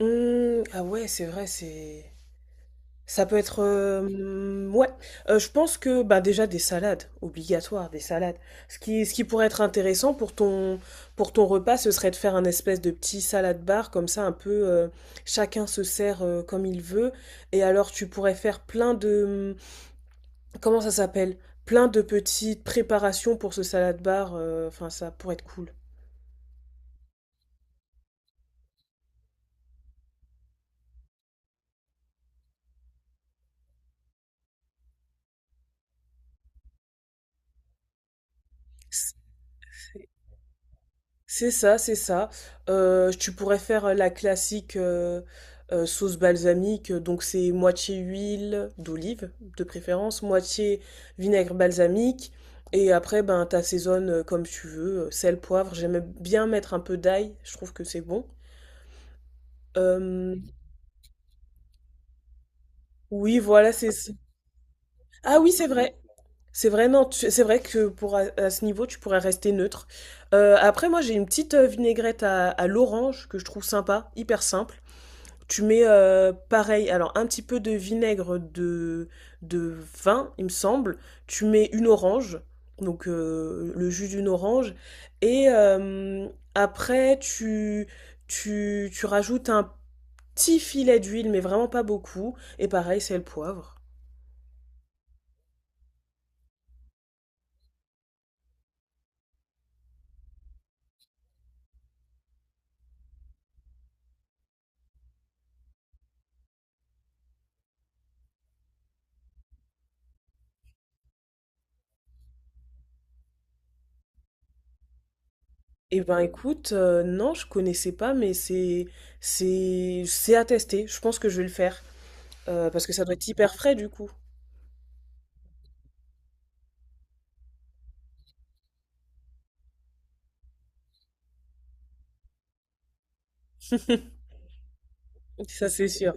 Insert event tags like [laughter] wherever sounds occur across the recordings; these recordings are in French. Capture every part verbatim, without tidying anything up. Mmh, ah ouais, c'est vrai, c'est ça peut être, euh, ouais. Euh, je pense que bah déjà des salades, obligatoire des salades. Ce qui, ce qui pourrait être intéressant pour ton, pour ton repas, ce serait de faire un espèce de petit salade bar comme ça, un peu euh, chacun se sert euh, comme il veut. Et alors tu pourrais faire plein de, mmh, comment ça s'appelle? Plein de petites préparations pour ce salade bar. euh, Enfin, ça pourrait être cool. C'est ça, c'est ça. Euh, tu pourrais faire euh, la classique euh, euh, sauce balsamique, donc c'est moitié huile d'olive de préférence, moitié vinaigre balsamique, et après ben t'assaisonnes euh, comme tu veux, euh, sel, poivre. J'aime bien mettre un peu d'ail, je trouve que c'est bon. Euh, oui, voilà, c'est. c'est- Ah oui, c'est vrai. C'est vrai, non, tu- c'est vrai que pour à, à ce niveau, tu pourrais rester neutre. Euh, après, moi, j'ai une petite euh, vinaigrette à, à l'orange que je trouve sympa, hyper simple. Tu mets euh, pareil, alors un petit peu de vinaigre de, de vin, il me semble. Tu mets une orange, donc euh, le jus d'une orange. Et euh, après, tu, tu, tu rajoutes un petit filet d'huile, mais vraiment pas beaucoup. Et pareil, c'est le poivre. Eh ben écoute, euh, non, je connaissais pas, mais c'est c'est c'est à tester. Je pense que je vais le faire euh, parce que ça doit être hyper frais du coup. Ça c'est sûr.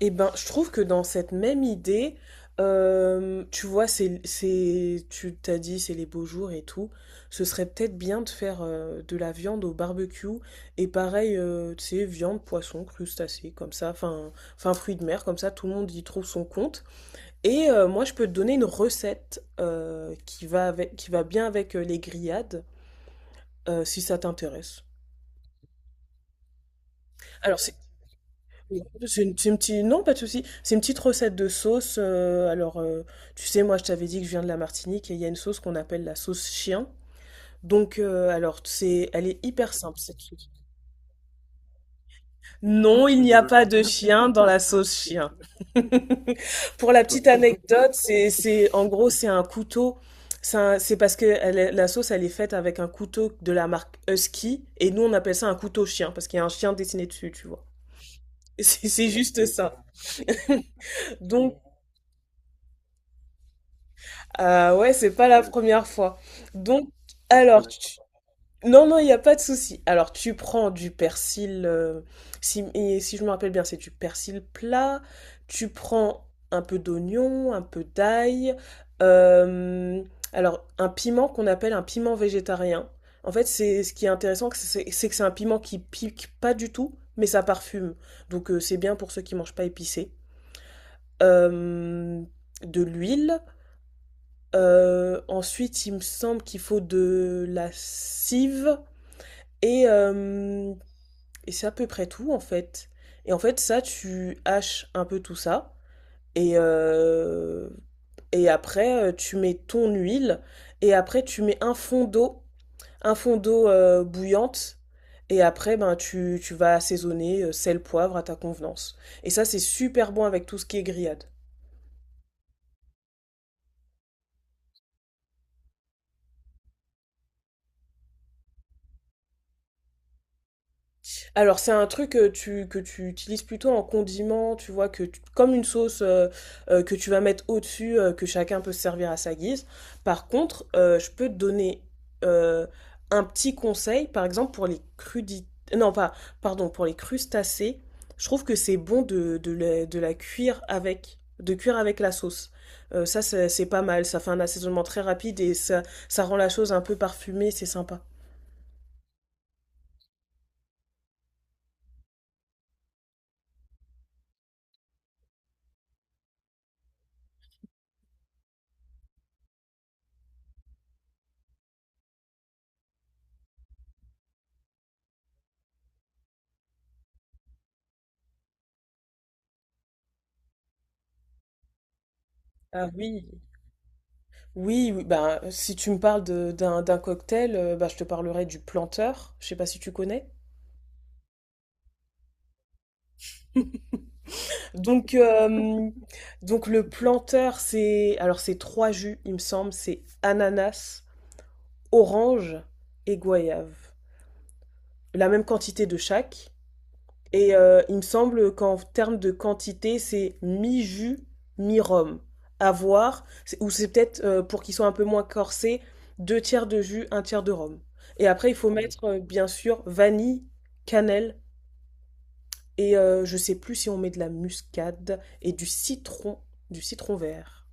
Et ben, je trouve que dans cette même idée, euh, tu vois, c'est, c'est, tu t'as dit, c'est les beaux jours et tout. Ce serait peut-être bien de faire euh, de la viande au barbecue et pareil, euh, tu sais, viande, poisson, crustacés, comme ça, enfin, enfin, fruits de mer, comme ça, tout le monde y trouve son compte. Et euh, moi, je peux te donner une recette euh, qui va avec, qui va bien avec euh, les grillades, euh, si ça t'intéresse. Alors, c'est Oui, c'est une, c'est une petite, non, pas de souci. C'est une petite recette de sauce. euh, alors, euh, tu sais, moi, je t'avais dit que je viens de la Martinique et il y a une sauce qu'on appelle la sauce chien. Donc, euh, alors, c'est, elle est hyper simple, cette sauce. Non, il n'y a pas de chien dans la sauce chien. [laughs] Pour la petite anecdote, c'est, c'est, en gros, c'est un couteau. C'est un- c'est parce que elle est- la sauce, elle est faite avec un couteau de la marque Husky et nous, on appelle ça un couteau chien parce qu'il y a un chien dessiné dessus, tu vois. [laughs] C'est c'est juste ça. Donc, ah ouais, c'est pas la ouais première fois. Donc, alors, tu... non, non, il n'y a pas de souci. Alors, tu prends du persil, euh, si, et si je me rappelle bien, c'est du persil plat. Tu prends un peu d'oignon, un peu d'ail. euh, alors, un piment qu'on appelle un piment végétarien. En fait, c'est ce qui est intéressant, que c'est c'est que c'est un piment qui pique pas du tout, mais ça parfume. Donc, euh, c'est bien pour ceux qui mangent pas épicé. Euh, de l'huile. Heu, ensuite, il me semble qu'il faut de la cive et hem et c'est à peu près tout, en fait et en fait, ça, tu haches un peu tout ça et heu et après, heu, tu mets ton huile et après tu mets un fond d'eau, un fond d'eau, heu, bouillante et après, ben, tu tu vas assaisonner, heu, sel, poivre à ta convenance et ça, c'est super bon avec tout ce qui est grillade. Alors c'est un truc que tu, que tu utilises plutôt en condiment, tu vois, que tu- comme une sauce euh, euh, que tu vas mettre au-dessus, euh, que chacun peut se servir à sa guise. Par contre, euh, je peux te donner euh, un petit conseil, par exemple pour les crudités, non pas, pardon, pour les crustacés, je trouve que c'est bon de, de, la, de la cuire avec, de cuire avec la sauce. Euh, ça c'est c'est pas mal, ça fait un assaisonnement très rapide et ça, ça rend la chose un peu parfumée, c'est sympa. Ah oui. Oui, oui, bah, si tu me parles de- d'un d'un cocktail, euh, bah, je te parlerai du planteur. Je sais pas si tu connais. Donc, [laughs] euh, donc le planteur, c'est alors c'est trois jus, il me semble, c'est ananas, orange et goyave. La même quantité de chaque. Et euh, il me semble qu'en termes de quantité, c'est mi-jus, mi-rhum. À voir, c'est- ou c'est peut-être euh, pour qu'ils soient un peu moins corsés, deux tiers de jus, un tiers de rhum. Et après, il faut oui mettre, euh, bien sûr, vanille, cannelle, et euh, je sais plus si on met de la muscade et du citron, du citron vert.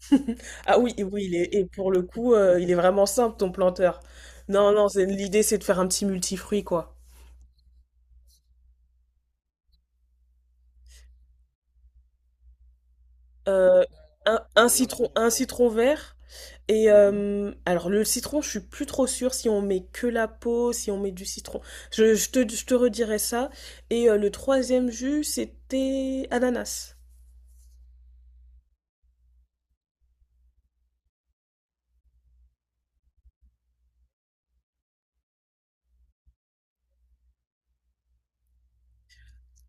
[laughs] Ah oui, et oui, il est- et pour le coup, euh, il est vraiment simple, ton planteur. Non, non, c'est- l'idée, c'est de faire un petit multifruit, quoi. Euh, un, un oui, citron, un citron vert. Et euh, alors le citron, je suis plus trop sûre si on met que la peau, si on met du citron. Je, je te, je te redirai ça. Et euh, le troisième jus, c'était ananas.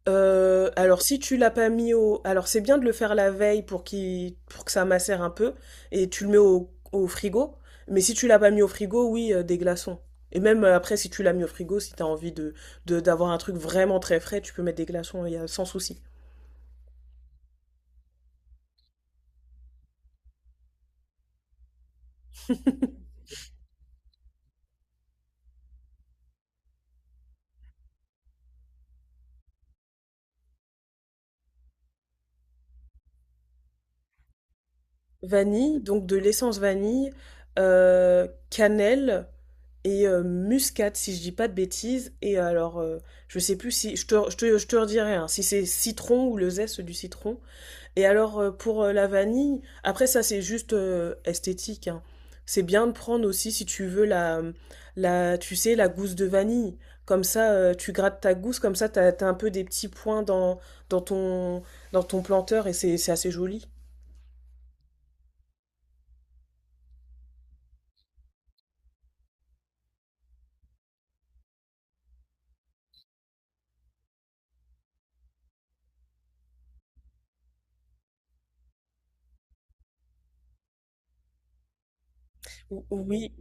Euh, alors si tu l'as pas mis au... Alors c'est bien de le faire la veille pour, qu'il, pour que ça macère un peu. Et tu le mets au, au frigo. Mais si tu l'as pas mis au frigo, oui, euh, des glaçons. Et même euh, après, si tu l'as mis au frigo, si t'as envie de, de- d'avoir un truc vraiment très frais, tu peux mettre des glaçons, il y a sans souci. Vanille, donc de l'essence vanille, euh, cannelle et euh, muscade, si je dis pas de bêtises. Et alors, euh, je sais plus si, je te, je te, je te redirai, hein, si c'est citron ou le zeste du citron. Et alors, euh, pour euh, la vanille, après ça, c'est juste euh, esthétique, hein. C'est bien de prendre aussi, si tu veux, la, la, tu sais, la gousse de vanille. Comme ça, euh, tu grattes ta gousse, comme ça, t'as, t'as un peu des petits points dans, dans ton, dans ton planteur et c'est, c'est assez joli. Ou- Oui,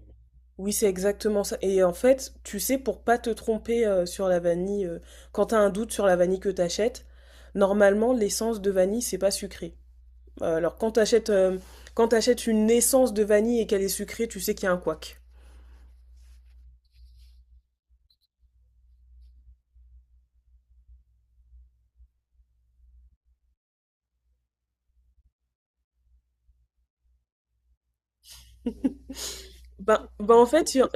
oui, c'est exactement ça. Et en fait, tu sais, pour pas te tromper euh, sur la vanille, euh, quand tu as un doute sur la vanille que tu achètes, normalement, l'essence de vanille, c'est pas sucré. Euh, alors, quand tu achètes, quand t'achètes une essence de vanille et qu'elle est sucrée, tu sais qu'il y a un couac. Ben, ben en fait, il y a-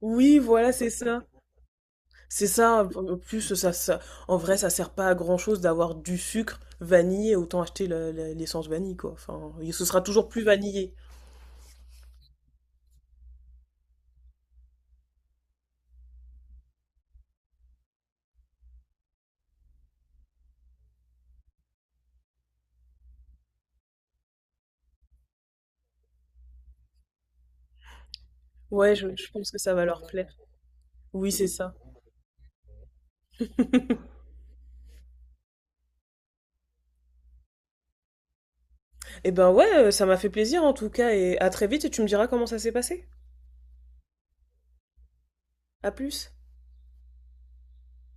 oui, voilà, c'est ça. C'est ça, en plus ça, ça en vrai ça sert pas à grand chose d'avoir du sucre vanillé, autant acheter la- la- l'essence vanille quoi. Enfin, ce sera toujours plus vanillé. Ouais, je, je pense que ça va leur plaire. Oui, c'est ça. [laughs] Eh ben ouais, euh, ça m'a fait plaisir en tout cas et à très vite et tu me diras comment ça s'est passé. À plus.